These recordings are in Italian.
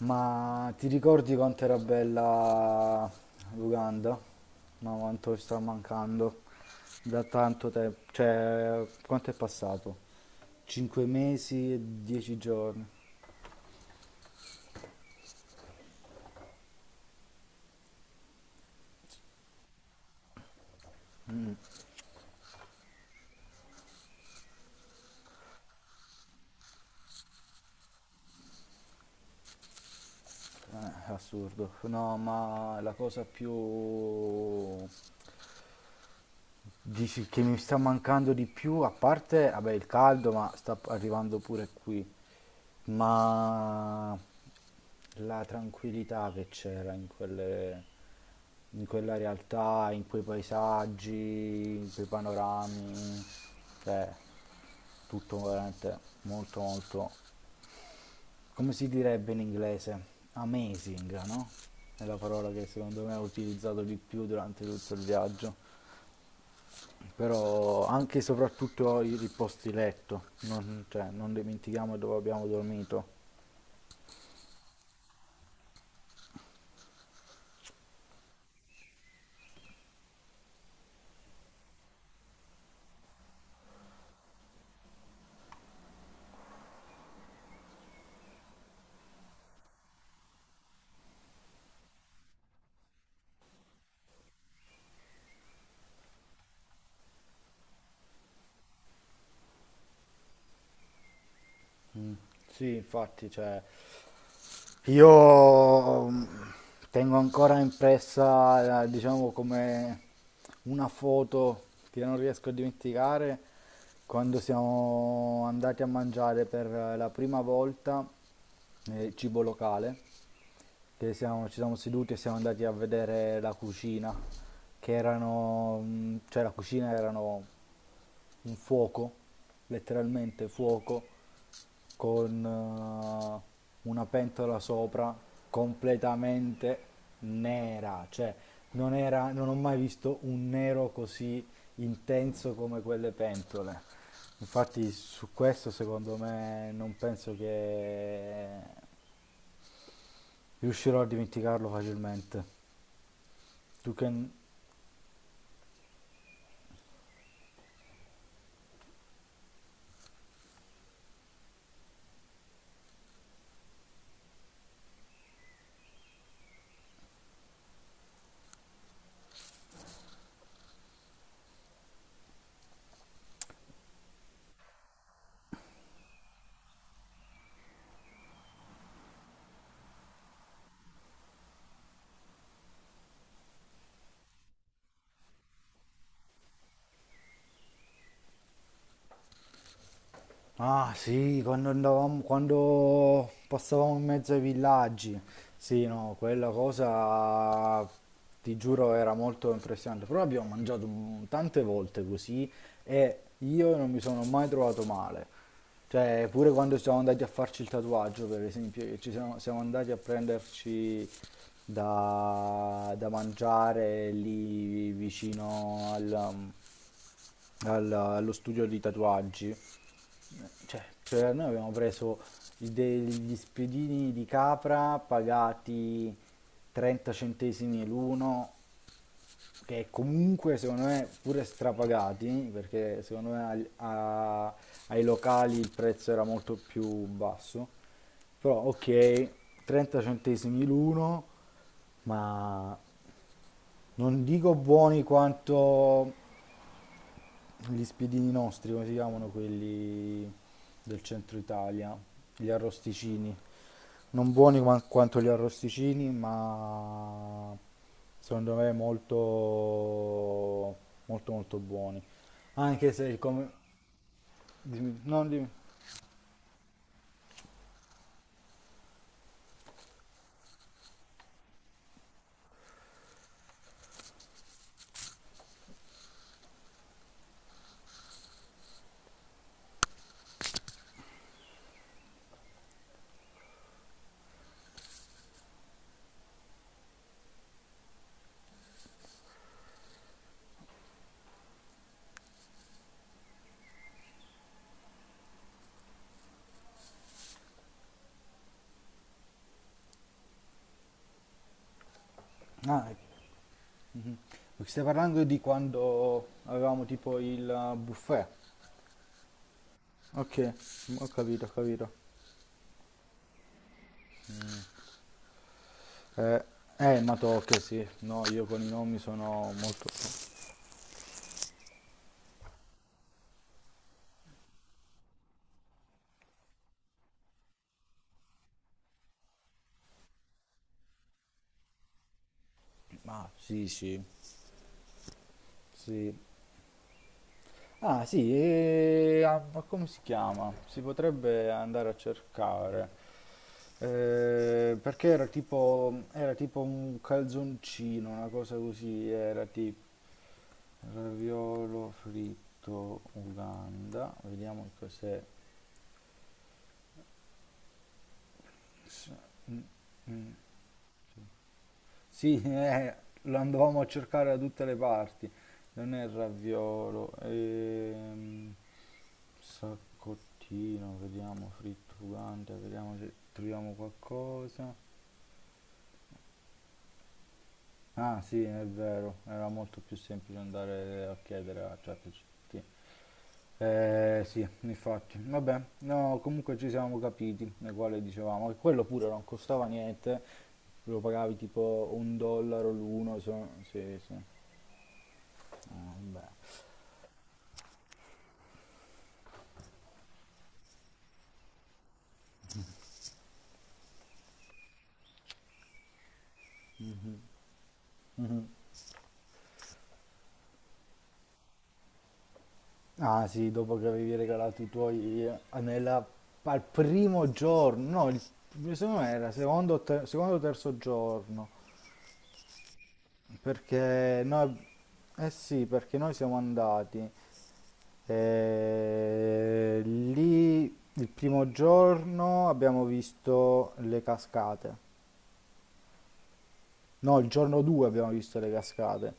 Ma ti ricordi quanto era bella l'Uganda? Ma quanto ci sta mancando da tanto tempo. Cioè, quanto è passato? 5 mesi e 10 giorni. Assurdo. No, ma la cosa più... Dici che mi sta mancando di più, a parte, vabbè, il caldo, ma sta arrivando pure qui, ma la tranquillità che c'era in quelle, in quella realtà, in quei paesaggi, in quei panorami, cioè tutto veramente molto molto, come si direbbe in inglese? Amazing, no? È la parola che secondo me ho utilizzato di più durante tutto il viaggio. Però anche e soprattutto i posti letto, non, cioè, non dimentichiamo dove abbiamo dormito. Sì, infatti, cioè, io tengo ancora impressa, diciamo, come una foto che non riesco a dimenticare quando siamo andati a mangiare per la prima volta cibo locale. Ci siamo seduti e siamo andati a vedere la cucina, che erano, cioè la cucina erano un fuoco, letteralmente fuoco, con una pentola sopra completamente nera, cioè non era, non ho mai visto un nero così intenso come quelle pentole. Infatti su questo secondo me non penso che riuscirò a dimenticarlo facilmente. You can. Ah sì, quando andavamo, quando passavamo in mezzo ai villaggi, sì, no, quella cosa ti giuro era molto impressionante, però abbiamo mangiato tante volte così e io non mi sono mai trovato male, cioè pure quando siamo andati a farci il tatuaggio per esempio, che ci siamo, siamo andati a prenderci da, da mangiare lì vicino al, allo studio di tatuaggi. Cioè, cioè, noi abbiamo preso degli spiedini di capra pagati 30 centesimi l'uno, che comunque secondo me pure strapagati, perché secondo me ai locali il prezzo era molto più basso. Però ok, 30 centesimi l'uno, ma non dico buoni quanto gli spiedini nostri, come si chiamano quelli del centro Italia, gli arrosticini. Non buoni quanto gli arrosticini, ma secondo me molto molto molto buoni. Anche se il come... non dimmi. Ah, ecco. Mhm. Stai parlando di quando avevamo tipo il buffet. Ok, ho capito, ho capito. Eh, ma tocca, sì. No, io con i nomi sono molto... Ah, sì, sì, sì. Ah, sì, e... ah, ma come si chiama? Si potrebbe andare a cercare. Perché era tipo un calzoncino, una cosa così, era tipo raviolo fritto Uganda. Vediamo cos'è. S- mm, mm. Sì, lo andavamo a cercare da tutte le parti. Non è il raviolo. Saccottino, vediamo, frittugante, vediamo se troviamo qualcosa. Ah sì, è vero, era molto più semplice andare a chiedere a ChatGPT. Eh sì, infatti, vabbè, no, comunque ci siamo capiti, nel quale dicevamo che quello pure non costava niente, lo pagavi tipo un dollaro l'uno, se... sì, sì, ah, vabbè. Mm-hmm. Ah sì, dopo che avevi regalato i tuoi nella, al primo giorno, no, il, secondo me era secondo, o secondo o terzo giorno, perché noi, eh sì, perché noi siamo andati lì il primo giorno abbiamo visto le cascate. No, il giorno 2 abbiamo visto le cascate,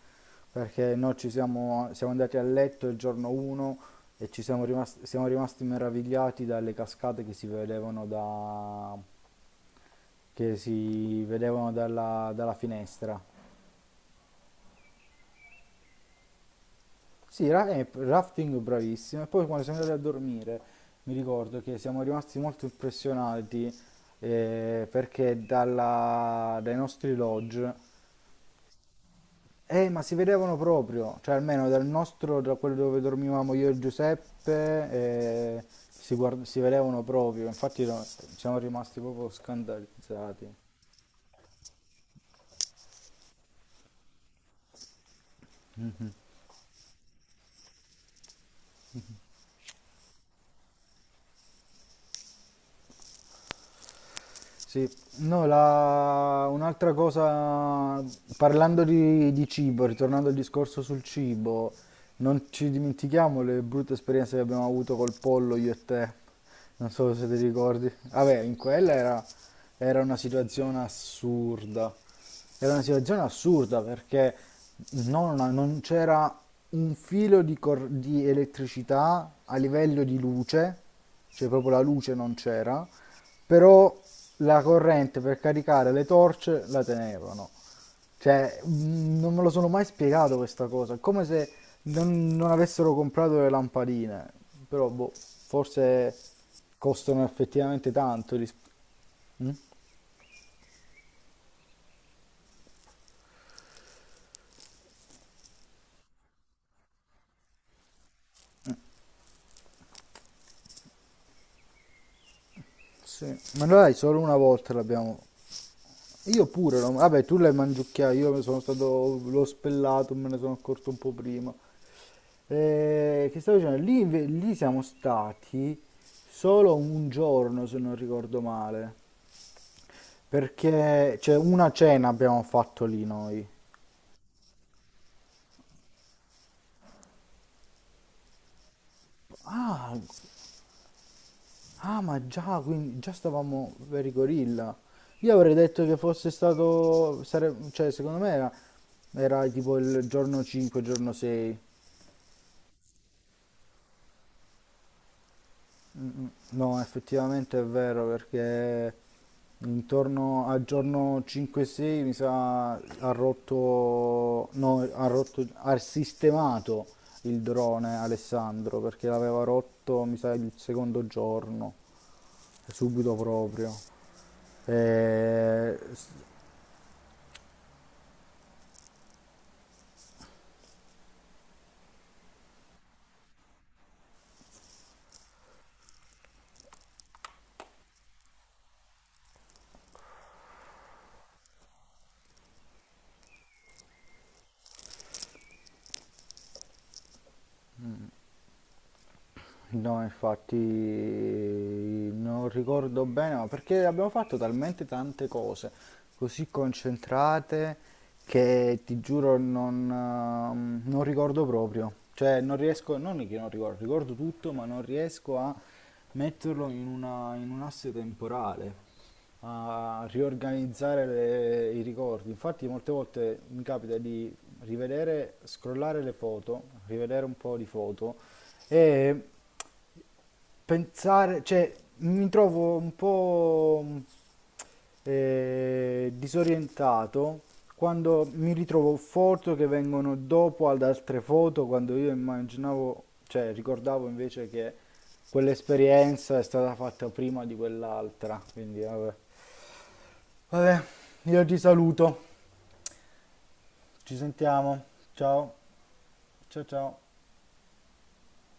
perché noi ci siamo, siamo andati a letto il giorno 1 e ci siamo rimasti meravigliati dalle cascate che si vedevano, da, che si vedevano dalla, dalla finestra. Sì, rafting bravissimo. E poi quando siamo andati a dormire, mi ricordo che siamo rimasti molto impressionati perché dai nostri lodge... ma si vedevano proprio, cioè almeno dal nostro, da quello dove dormivamo io e Giuseppe, si, si vedevano proprio, infatti no, siamo rimasti proprio scandalizzati. Sì, no, un'altra cosa, parlando di cibo, ritornando al discorso sul cibo, non ci dimentichiamo le brutte esperienze che abbiamo avuto col pollo io e te. Non so se ti ricordi. Vabbè, in quella era, era una situazione assurda. Era una situazione assurda perché non, non c'era un filo di, di elettricità a livello di luce, cioè proprio la luce non c'era, però la corrente per caricare le torce la tenevano. Cioè, non me lo sono mai spiegato questa cosa. È come se non, non avessero comprato le lampadine. Però, boh, forse costano effettivamente tanto. Mm? Sì. Ma noi solo una volta l'abbiamo. Io pure, vabbè, tu l'hai mangiucchiato, io me sono stato, l'ho spellato, me ne sono accorto un po' prima. Che stavo dicendo? Lì, lì siamo stati solo un giorno, se non ricordo male, perché cioè, una cena abbiamo fatto lì noi. Ah, ah, ma già, quindi già stavamo per i gorilla. Io avrei detto che fosse stato, cioè secondo me era, era tipo il giorno 5, giorno 6. Mm, mm. No, effettivamente è vero perché intorno al giorno 5-6 mi sa ha rotto, no, ha rotto, ha sistemato il drone Alessandro perché l'aveva rotto mi sa il secondo giorno. Subito proprio. Eh, s- no, infatti non ricordo bene, ma perché abbiamo fatto talmente tante cose, così concentrate che ti giuro non, non ricordo proprio. Cioè non riesco, non che non ricordo, ricordo tutto, ma non riesco a metterlo in in un asse temporale a riorganizzare i ricordi. Infatti, molte volte mi capita di rivedere, scrollare le foto, rivedere un po' di foto e pensare, cioè, mi trovo un po' disorientato quando mi ritrovo foto che vengono dopo ad altre foto, quando io immaginavo, cioè, ricordavo invece che quell'esperienza è stata fatta prima di quell'altra. Quindi, vabbè. Vabbè, io ti saluto. Ci sentiamo. Ciao. Ciao, ciao.